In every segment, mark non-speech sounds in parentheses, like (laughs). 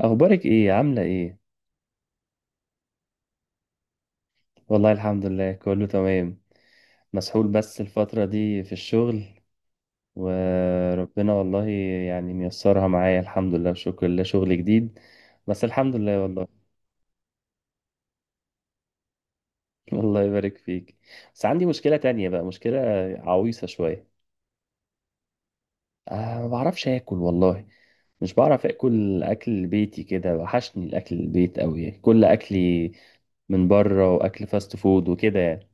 اخبارك ايه؟ عامله ايه؟ والله الحمد لله كله تمام. مسحول بس الفتره دي في الشغل، وربنا والله يعني ميسرها معايا الحمد لله وشكر لله شغل جديد، بس الحمد لله والله. (laughs) الله يبارك فيك. بس عندي مشكله تانية بقى، مشكله عويصه شويه. أه، ما بعرفش اكل والله، مش بعرف اكل اكل بيتي كده، وحشني الاكل البيت قوي، كل اكلي من بره، واكل فاست فود وكده يعني.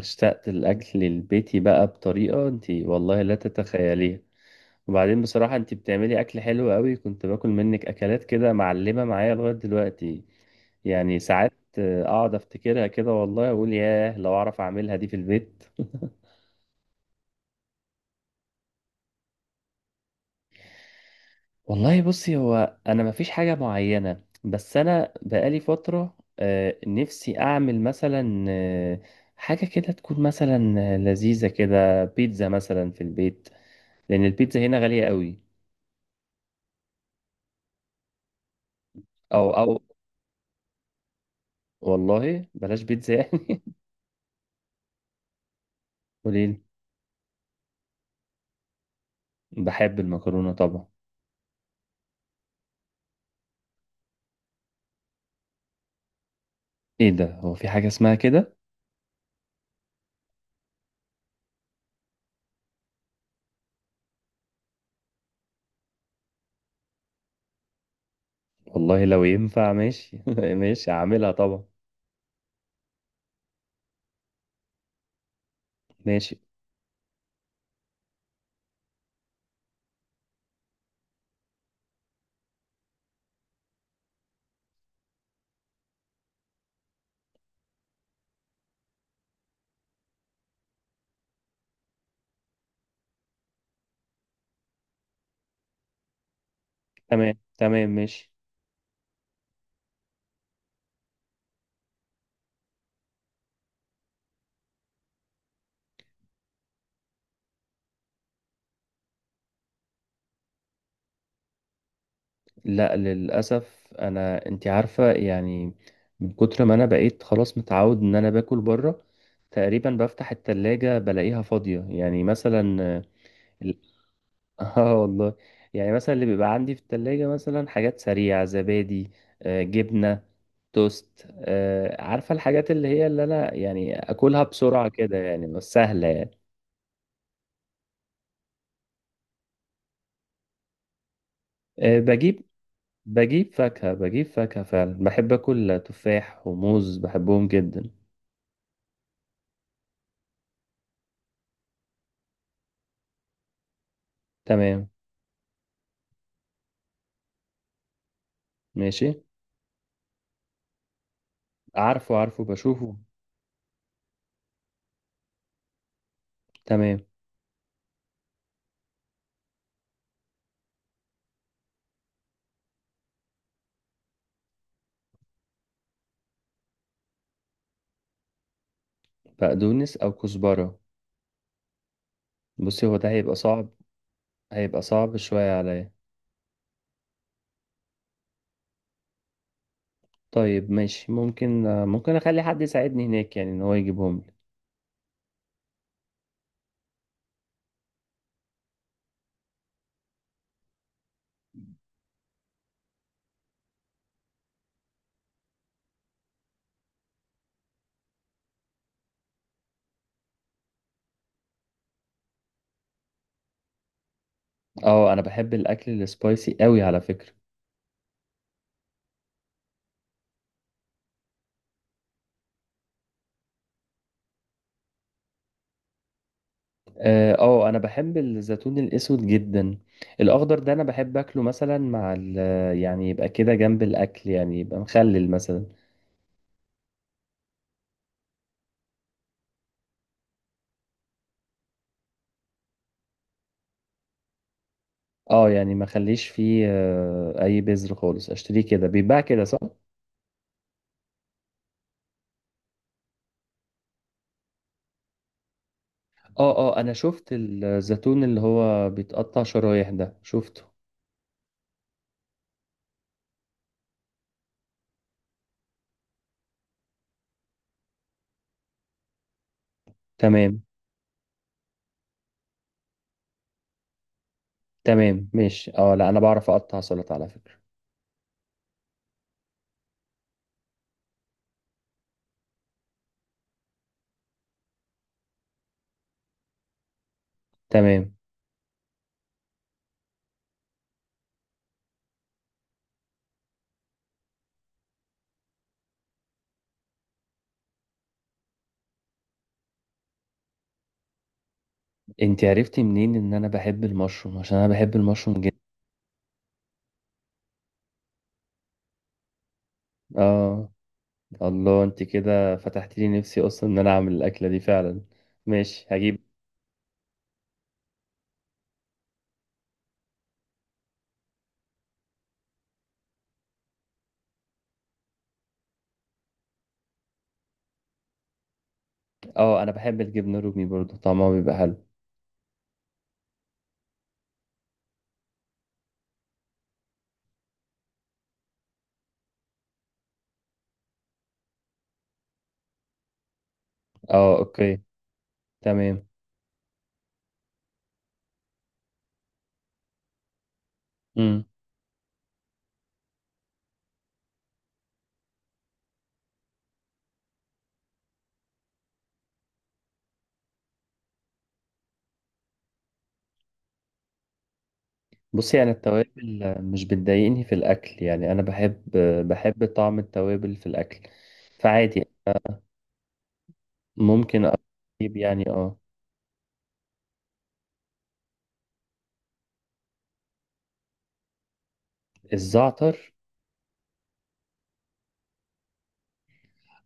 اشتقت الأكل البيتي بقى بطريقة انتي والله لا تتخيليها. وبعدين بصراحة انتي بتعملي أكل حلو قوي، كنت باكل منك أكلات كده معلمة معايا لغاية دلوقتي. يعني ساعات أقعد أفتكرها كده والله أقول ياه لو أعرف أعملها دي في البيت. والله بصي، هو أنا مفيش حاجة معينة، بس أنا بقالي فترة نفسي أعمل مثلا حاجة كده تكون مثلا لذيذة كده، بيتزا مثلا في البيت، لأن البيتزا هنا غالية قوي. أو والله بلاش بيتزا يعني. (laughs) قليل. بحب المكرونة طبعا. ايه ده؟ هو في حاجة اسمها كده؟ والله لو ينفع ماشي. (laughs) ماشي هعملها طبعا. ماشي. تمام تمام ماشي. لا للأسف انا، انتي عارفة يعني، من كتر ما انا بقيت خلاص متعود ان انا باكل بره، تقريبا بفتح التلاجة بلاقيها فاضية يعني مثلا. (laughs) اه والله. يعني مثلا اللي بيبقى عندي في التلاجة مثلا حاجات سريعة، زبادي، جبنة، توست، عارفة الحاجات اللي هي اللي أنا يعني أكلها بسرعة كده يعني، بس سهلة يعني. بجيب. بجيب فاكهة، بجيب فاكهة فعلا، بحب أكل تفاح وموز، بحبهم جدا. تمام. ماشي. عارفه عارفه، بشوفه. تمام. بقدونس أو كزبرة؟ بصي هو ده هيبقى صعب، هيبقى صعب شوية عليا. طيب ماشي، ممكن ممكن اخلي حد يساعدني هناك يعني، ان هو يجيبهم لي. اه انا بحب الاكل السبايسي قوي على فكرة. اه، انا بحب الزيتون الاسود جدا، الاخضر ده انا بحب اكله مثلا مع ال، يعني يبقى كده جنب الاكل يعني، يبقى مخلل مثلا. اه يعني ما اخليش فيه اي بذر خالص، اشتريه كده، بيتباع كده صح؟ اه اه، انا شفت الزيتون اللي هو بيتقطع شرايح ده، شفته. تمام. تمام ماشي، اه لا انا بعرف اقطع سلطة على فكرة. تمام. انت عرفتي منين ان انا بحب المشروم؟ عشان انا بحب المشروم جدا. اه. الله، انت كده فتحت لي نفسي اصلا ان انا اعمل الاكله دي فعلا. ماشي هجيب. اه انا بحب الجبنه الرومي برضو، طعمها بيبقى حلو. اه اوكي. تمام. امم. بصي يعني التوابل مش بتضايقني في الاكل يعني، انا بحب، بحب طعم التوابل في الاكل، فعادي. ممكن. اجيب يعني اه. الزعتر.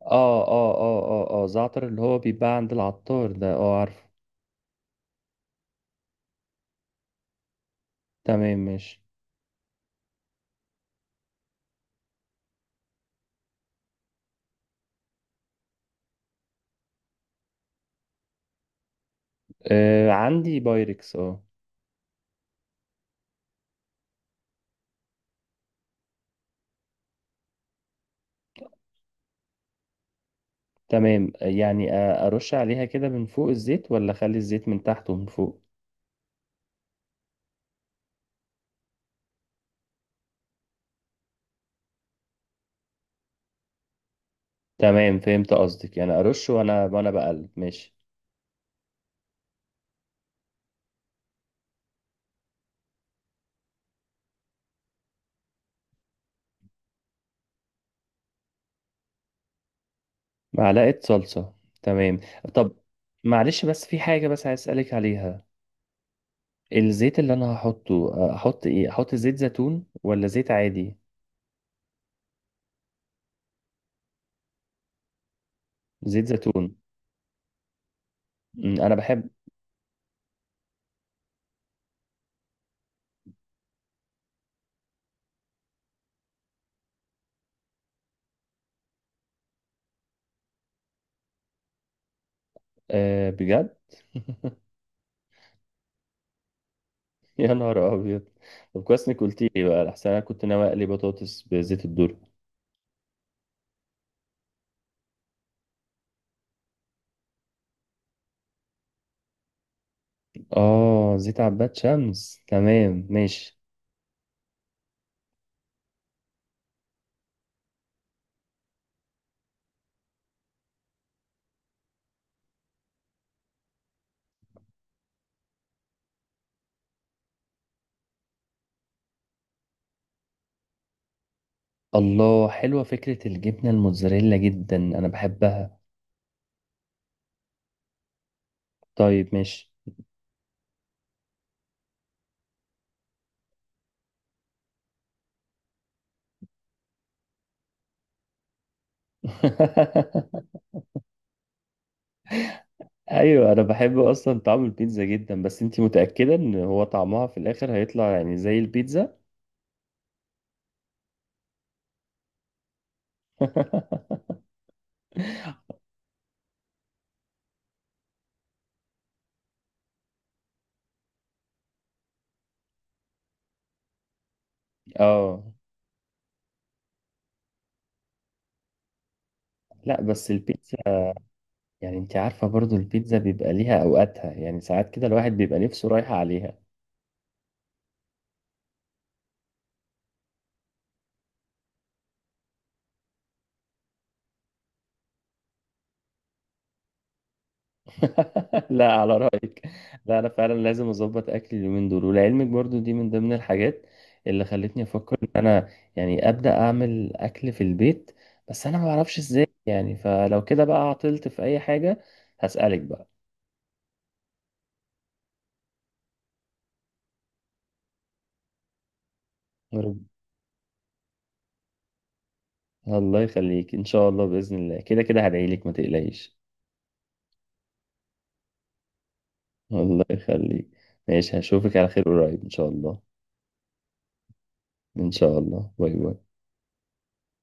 اه اه اه اه اه، زعتر اللي هو بيتباع عند العطار ده، اه عارفه. تمام ماشي. آه عندي بايركس اه. تمام يعني ارش عليها كده من فوق الزيت، ولا اخلي الزيت من تحت ومن فوق؟ تمام فهمت قصدك، يعني ارش وانا، وانا بقلب، ماشي. معلقة صلصة. تمام. طب معلش، بس في حاجة بس عايز اسألك عليها. الزيت اللي انا هحطه احط ايه؟ احط زيت زيتون ولا زيت عادي؟ زيت زيتون. مم، انا بحب. أه بجد؟ (laughs) يا نهار ابيض. طب كويس انك قلتي لي بقى، احسن انا كنت ناوي اقلي بطاطس بزيت الذرة. اه زيت عباد شمس، تمام ماشي. الله، حلوة فكرة الجبنة الموتزاريلا جدا، انا بحبها. طيب ماشي. (laughs) ايوه انا بحب اصلا طعم البيتزا جدا، بس انتي متأكدة ان هو طعمها في الاخر هيطلع يعني زي البيتزا؟ (laughs) اه لا بس البيتزا يعني انتي عارفة برضو البيتزا بيبقى ليها اوقاتها، يعني ساعات كده الواحد بيبقى نفسه رايحة عليها. (laughs) لا على رأيك. لا أنا فعلا لازم أظبط أكلي اليومين دول، ولعلمك برضو دي من ضمن الحاجات اللي خلتني أفكر إن أنا يعني أبدأ أعمل أكل في البيت، بس أنا ما بعرفش إزاي يعني، فلو كده بقى عطلت في أي حاجة هسألك بقى. رب- الله يخليك، إن شاء الله بإذن الله، كده كده هدعيلك ما تقلقيش. الله يخليك. ماشي هشوفك على خير قريب إن شاء الله. إن شاء الله، باي باي.